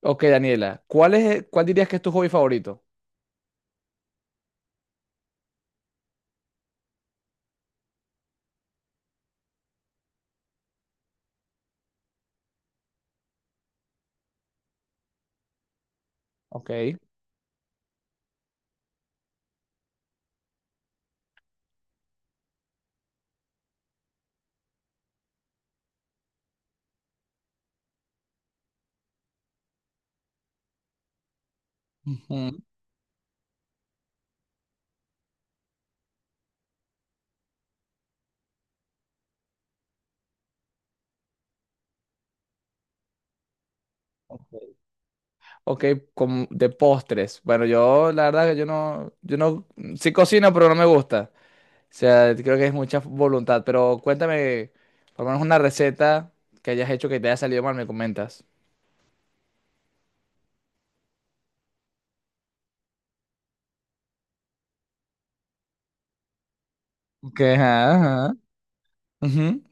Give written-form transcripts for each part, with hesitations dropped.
Ok, Daniela, cuál dirías que es tu hobby favorito? Ok. Ujú. Ok, Ok, como de postres. Bueno, yo la verdad que yo no, yo no, sí cocino, pero no me gusta. O sea, creo que es mucha voluntad. Pero cuéntame, por lo menos una receta que hayas hecho que te haya salido mal, me comentas. Ok, ajá, ajá. Ujú,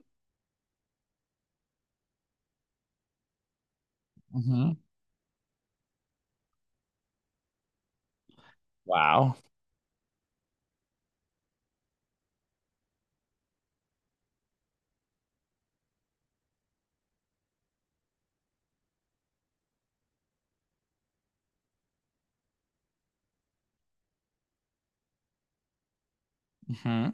ujú. Wow. Ujú,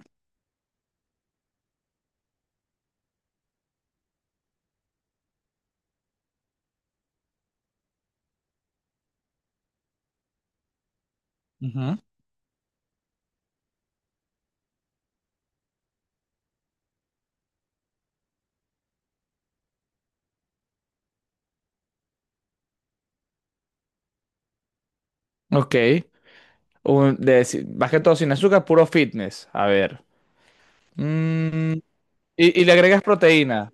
ujú. Ok. Un- de si- Más que todo sin azúcar, puro fitness. A ver. Mm, y le agregas proteína.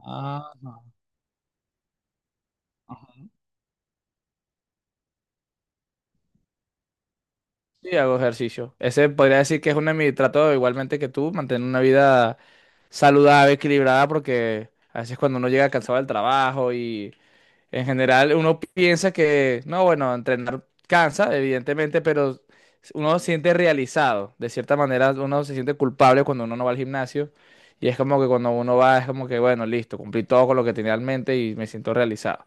Ajá. Sí, hago ejercicio. Ese podría decir que es uno de mis tratos, igualmente que tú, mantener una vida saludable, equilibrada, porque a veces cuando uno llega cansado del trabajo y en general uno piensa que, no, bueno, entrenar cansa, evidentemente, pero uno se siente realizado. De cierta manera, uno se siente culpable cuando uno no va al gimnasio y es como que cuando uno va es como que, bueno, listo, cumplí todo con lo que tenía en mente y me siento realizado.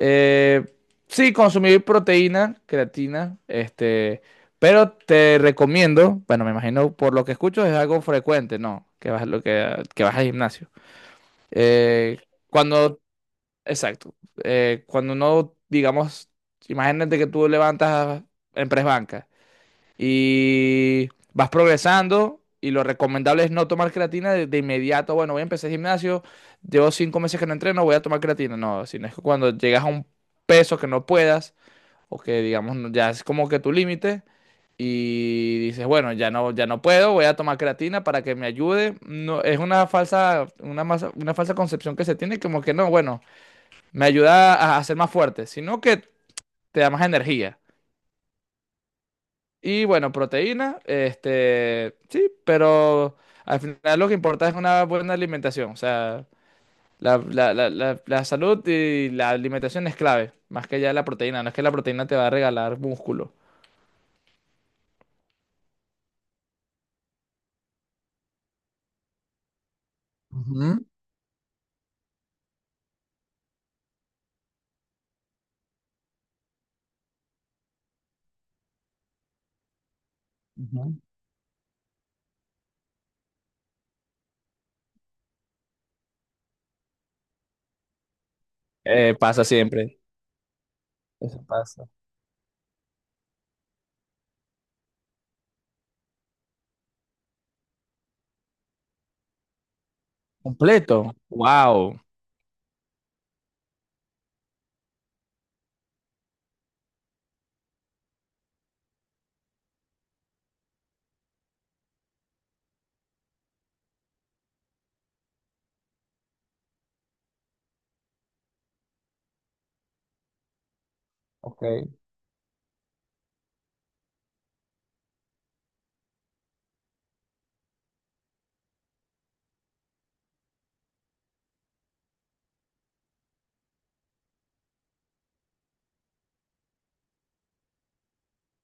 Eh, sí, consumir proteína, creatina, este, pero te recomiendo, bueno, me imagino por lo que escucho es algo frecuente, ¿no? Que vas al gimnasio. Eh, cuando, exacto. Cuando no, digamos, imagínate que tú levantas en press banca y vas progresando. Y lo recomendable es no tomar creatina de inmediato. Bueno, voy a empezar el gimnasio, llevo 5 meses que no entreno, voy a tomar creatina. No, sino es que cuando llegas a un peso que no puedas, o que digamos ya es como que tu límite, y dices, bueno, ya no puedo, voy a tomar creatina para que me ayude. No, es una falsa concepción que se tiene, como que no, bueno, me ayuda a ser más fuerte, sino que te da más energía. Y bueno, proteína, este, sí, pero al final lo que importa es una buena alimentación. O sea, la salud y la alimentación es clave, más que ya la proteína. No es que la proteína te va a regalar músculo. Ujú. Pasa siempre. Eso pasa. Completo. Wow. Ok.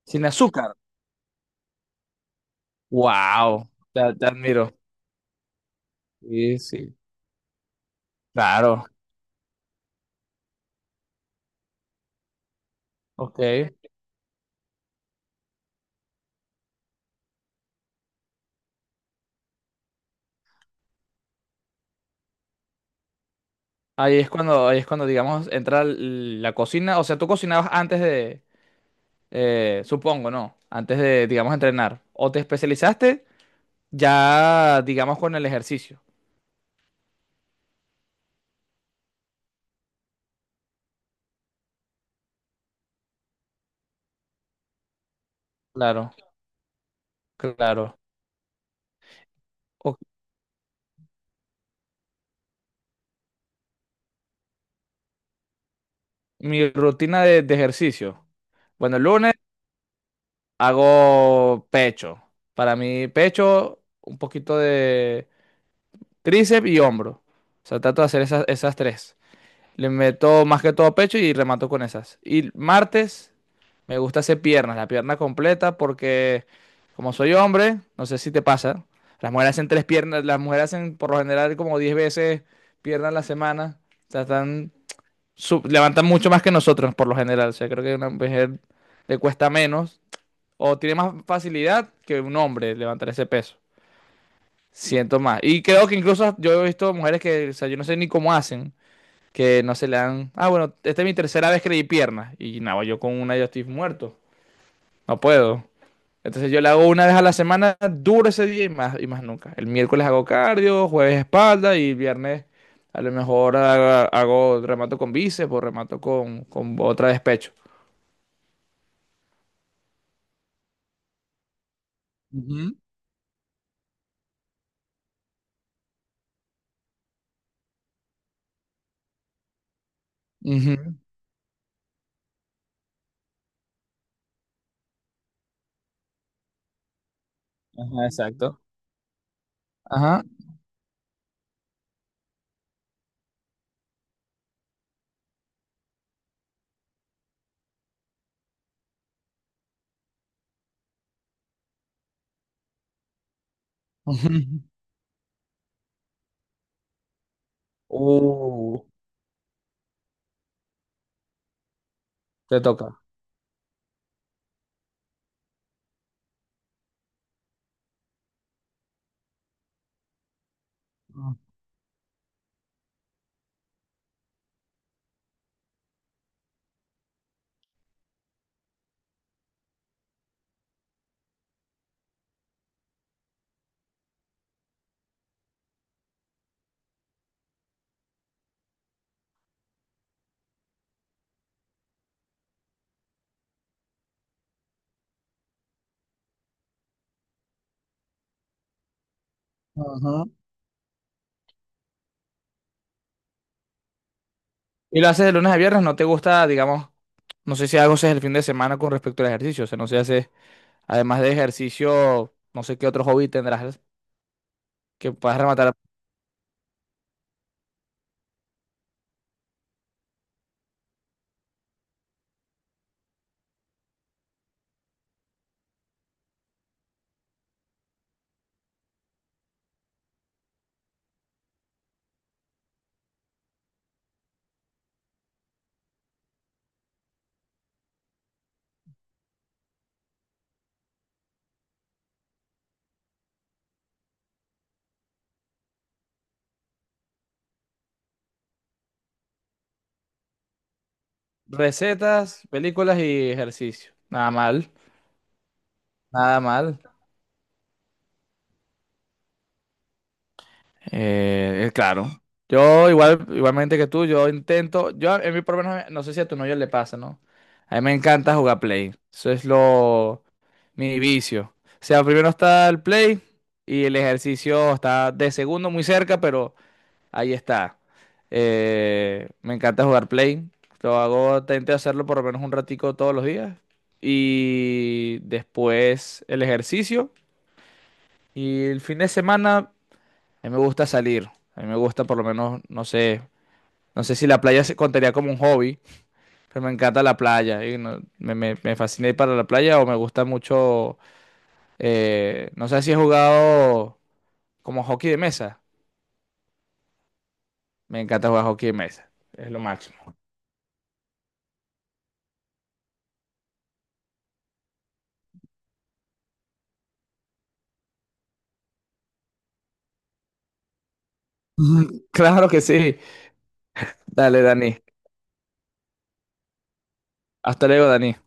Sin azúcar. Wow. Te admiro. Sí, sí. Claro. Ok. Ahí es cuando, digamos, entra la cocina. O sea, tú cocinabas antes de, supongo, ¿no? Antes de, digamos, entrenar. O te especializaste ya, digamos, con el ejercicio. Claro, claro. O- Mi rutina de ejercicio. Bueno, el lunes hago pecho. Para mí, pecho, un poquito de tríceps y hombro. O sea, trato de hacer esas tres. Le meto más que todo pecho y remato con esas. Y martes me gusta hacer piernas, la pierna completa, porque como soy hombre, no sé si te pasa, las mujeres hacen tres piernas, las mujeres hacen por lo general como 10 veces piernas a la semana, o sea, están, levantan mucho más que nosotros por lo general, o sea, creo que a una mujer le cuesta menos o tiene más facilidad que un hombre levantar ese peso. Siento más. Y creo que incluso yo he visto mujeres que, o sea, yo no sé ni cómo hacen que no se le dan. Ah, bueno, esta es mi tercera vez que le di piernas. Y nada, yo con una yo estoy muerto. No puedo. Entonces yo le hago una vez a la semana, duro ese día y más nunca. El miércoles hago cardio, jueves espalda y viernes a lo mejor hago, remato con bíceps o remato con otra despecho. Ujú. Ujú. Ajá, exacto. Ajá. Ujú. Te toca. Ajá. Y lo haces de lunes a viernes, no te gusta, digamos, no sé si algo haces el fin de semana con respecto al ejercicio, o sea, no sé si haces, además de ejercicio, no sé qué otro hobby tendrás que puedas rematar recetas, películas y ejercicio. Nada mal, nada mal. Claro. Yo igual, igualmente que tú, yo intento, yo en mi por lo menos, no sé si a tu novio le pasa, ¿no? A mí me encanta jugar Play. Eso es mi vicio. O sea, primero está el Play y el ejercicio está de segundo muy cerca, pero... Ahí está. Me encanta jugar Play. Lo hago, intento hacerlo por lo menos un ratico todos los días. Y después el ejercicio. Y el fin de semana, a mí me gusta salir. A mí me gusta por lo menos, no sé, no sé si la playa se contaría como un hobby, pero me encanta la playa. Me fascina ir para la playa o me gusta mucho, no sé si he jugado como hockey de mesa. Me encanta jugar hockey de mesa. Es lo máximo. Claro que sí. Dale, Dani. Hasta luego, Dani.